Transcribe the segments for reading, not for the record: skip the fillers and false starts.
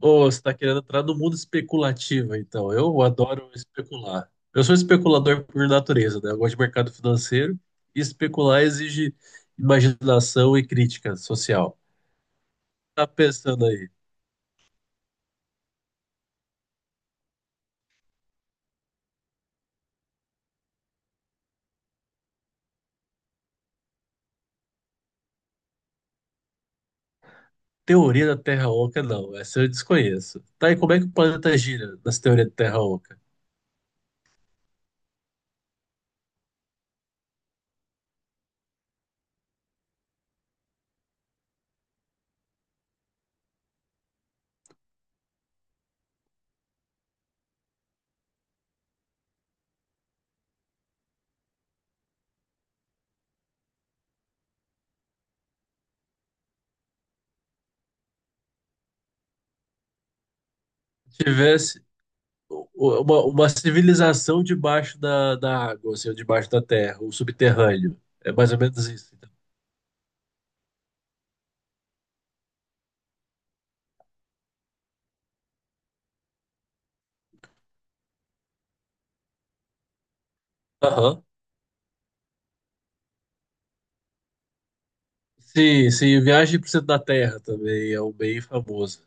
Ô, você está querendo entrar no mundo especulativo, então. Eu adoro especular. Eu sou especulador por natureza, né? Eu gosto de mercado financeiro e especular exige imaginação e crítica social. Tá pensando aí, teoria da Terra Oca? Não, essa eu desconheço. Tá, e como é que o planeta gira nas teorias da Terra Oca? Se tivesse uma civilização debaixo da água, assim, ou debaixo da terra, o subterrâneo. É mais ou menos isso então. Aham. Sim, sim, Viagem para o Centro da Terra também é um bem famoso.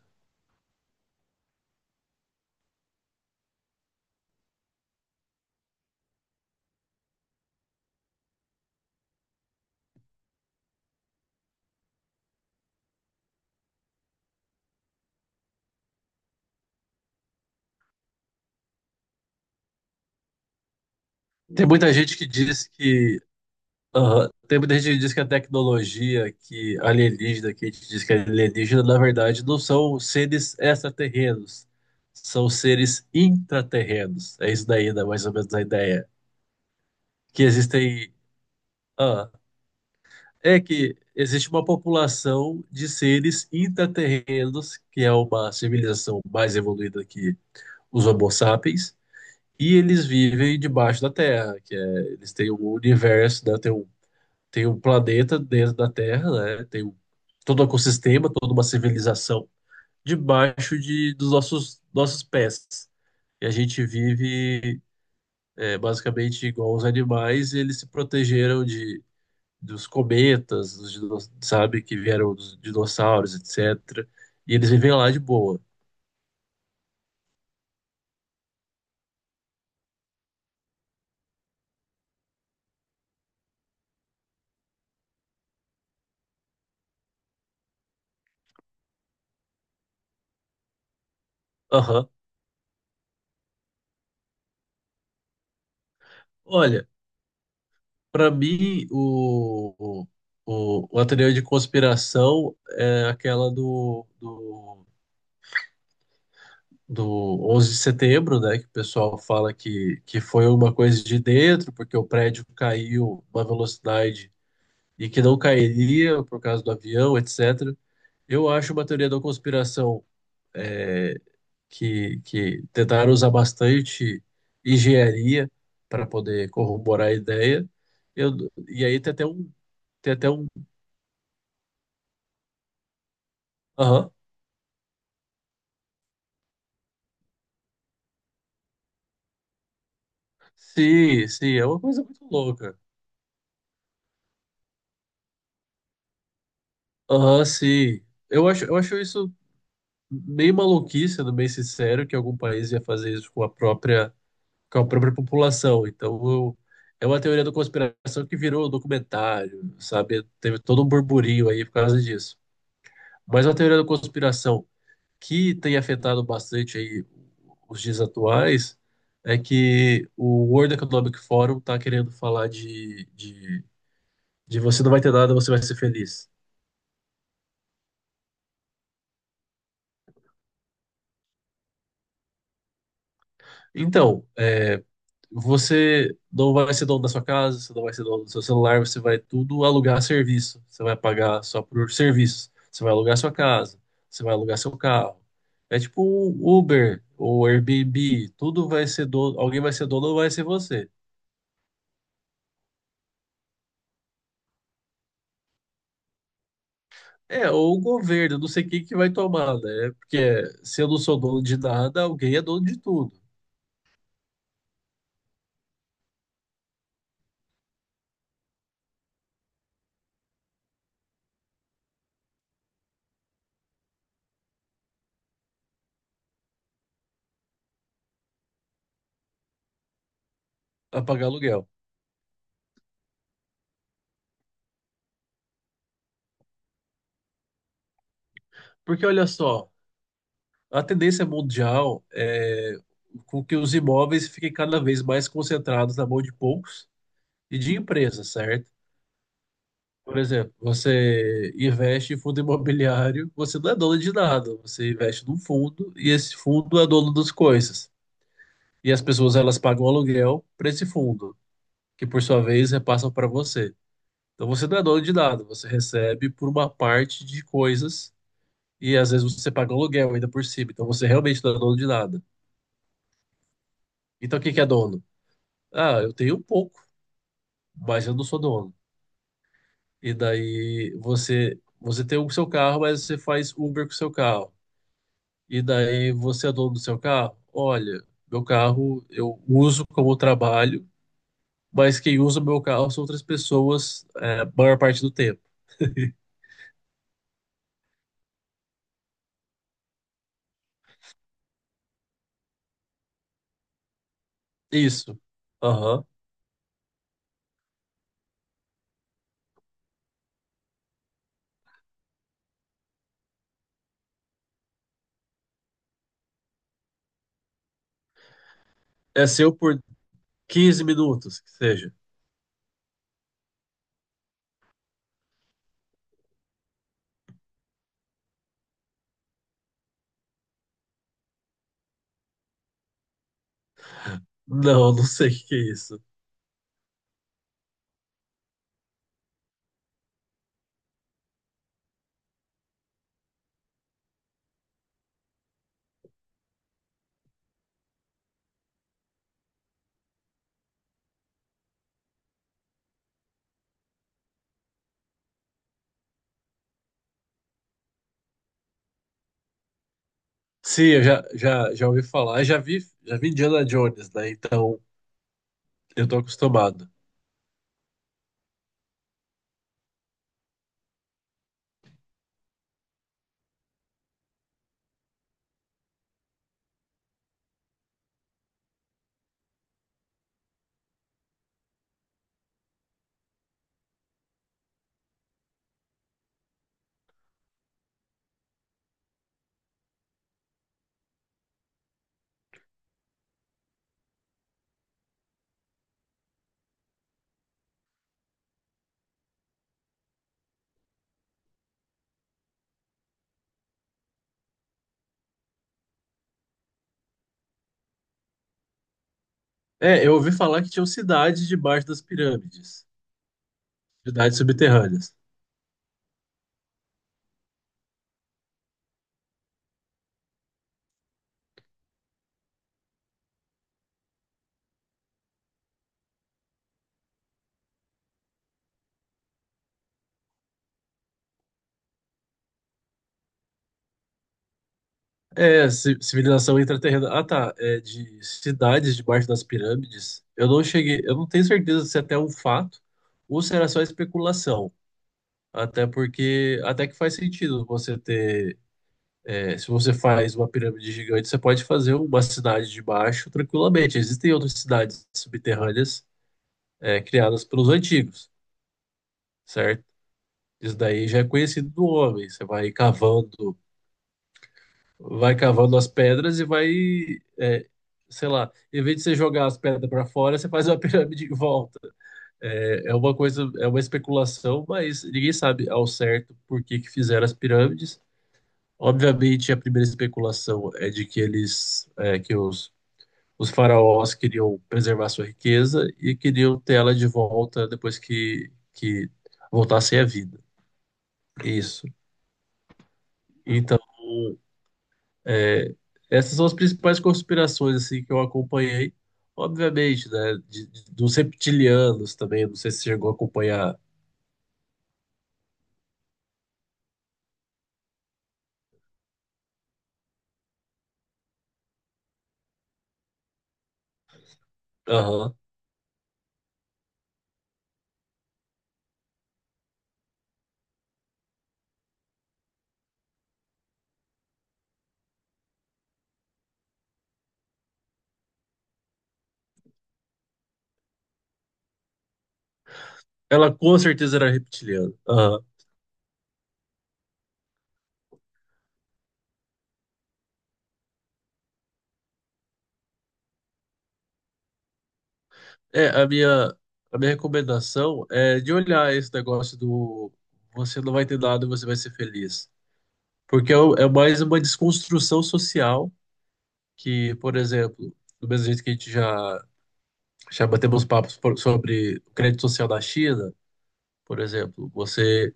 Tem muita gente que diz que aham, tem muita gente que diz que a tecnologia que alienígena, que a gente diz que é alienígena, na verdade, não são seres extraterrenos, são seres intraterrenos. É isso daí, né, mais ou menos a ideia. Que existem, ah, é que existe uma população de seres intraterrenos, que é uma civilização mais evoluída que os Homo sapiens. E eles vivem debaixo da Terra, que é, eles têm o universo, né? Tem um planeta dentro da Terra, né? Tem um, todo o ecossistema, toda uma civilização debaixo de, dos nossos pés. E a gente vive é, basicamente igual os animais, e eles se protegeram dos cometas, sabe, que vieram dos dinossauros, etc. E eles vivem lá de boa. Aham. Olha, para mim, o a teoria de conspiração é aquela do 11 de setembro, né? Que o pessoal fala que foi uma coisa de dentro, porque o prédio caiu uma velocidade e que não cairia por causa do avião, etc. Eu acho uma teoria da conspiração é, que tentaram usar bastante engenharia para poder corroborar a ideia. Eu, e aí tem até um. Tem até um. Aham. Sim, sim, é uma coisa muito louca. Aham, sim. Eu acho isso meio maluquice, sendo bem sincero, que algum país ia fazer isso com a própria população. É uma teoria da conspiração que virou documentário, sabe? Teve todo um burburinho aí por causa disso. Mas a teoria da conspiração que tem afetado bastante aí os dias atuais é que o World Economic Forum está querendo falar de você não vai ter nada, você vai ser feliz. Então, é, você não vai ser dono da sua casa, você não vai ser dono do seu celular, você vai tudo alugar serviço. Você vai pagar só por serviços. Você vai alugar sua casa, você vai alugar seu carro. É tipo um Uber ou Airbnb, tudo vai ser dono, alguém vai ser dono ou vai ser você. É, ou o governo, não sei quem que vai tomar, né? Porque se eu não sou dono de nada, alguém é dono de tudo, a pagar aluguel. Porque olha só, a tendência mundial é com que os imóveis fiquem cada vez mais concentrados na mão de poucos e de empresas, certo? Por exemplo, você investe em fundo imobiliário, você não é dono de nada, você investe num fundo e esse fundo é dono das coisas. E as pessoas elas pagam aluguel para esse fundo, que por sua vez repassam para você. Então você não é dono de nada, você recebe por uma parte de coisas e às vezes você paga aluguel ainda por cima, então você realmente não é dono de nada. Então quem que é dono? Ah, eu tenho um pouco, mas eu não sou dono. E daí você tem o seu carro, mas você faz Uber com o seu carro. E daí você é dono do seu carro? Olha, meu carro eu uso como trabalho, mas quem usa meu carro são outras pessoas, é, a maior parte do tempo. Isso. Aham. É seu por 15 minutos, que seja. Não, não sei o que que é isso. Sim, eu já, já, já ouvi falar. Eu já vi Indiana Jones, né? Então eu tô acostumado. É, eu ouvi falar que tinham cidades debaixo das pirâmides, cidades subterrâneas. É, ci- civilização intraterrena. Ah, tá. É de cidades debaixo das pirâmides. Eu não tenho certeza se até é até um fato ou se era só especulação. Até porque, até que faz sentido você ter, é, se você faz uma pirâmide gigante, você pode fazer uma cidade debaixo tranquilamente. Existem outras cidades subterrâneas, é, criadas pelos antigos, certo? Isso daí já é conhecido do homem. Você vai cavando, vai cavando as pedras e vai, é, sei lá, em vez de você jogar as pedras para fora, você faz uma pirâmide em volta. É, é uma coisa, é uma especulação, mas ninguém sabe ao certo por que que fizeram as pirâmides. Obviamente, a primeira especulação é de que eles, é, que os faraós queriam preservar sua riqueza e queriam ter ela de volta depois que voltassem à vida. Isso. Então, é, essas são as principais conspirações assim que eu acompanhei, obviamente, né? Dos reptilianos também, não sei se você chegou a acompanhar. Aham. Ela com certeza era reptiliana. Aham. É, a minha recomendação é de olhar esse negócio do você não vai ter nada, você vai ser feliz. Porque é, o- é mais uma desconstrução social que, por exemplo, do mesmo jeito que a gente já batemos papos por- sobre o crédito social da China, por exemplo, você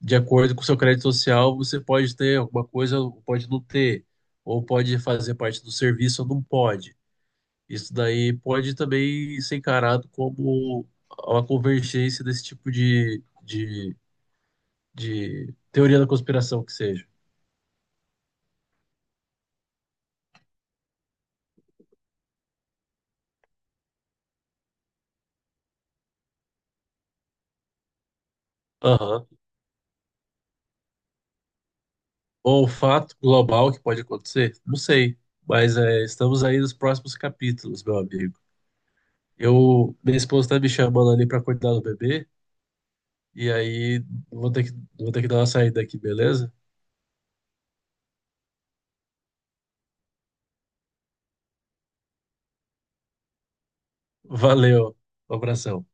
de acordo com o seu crédito social, você pode ter alguma coisa, ou pode não ter, ou pode fazer parte do serviço ou não pode. Isso daí pode também ser encarado como uma convergência desse tipo de teoria da conspiração que seja. Aham. Ou o fato global que pode acontecer? Não sei. Mas é, estamos aí nos próximos capítulos, meu amigo. Eu, minha esposa tá me chamando ali para cuidar do bebê, e aí vou ter que, vou ter que dar uma saída aqui, beleza? Valeu, um abração.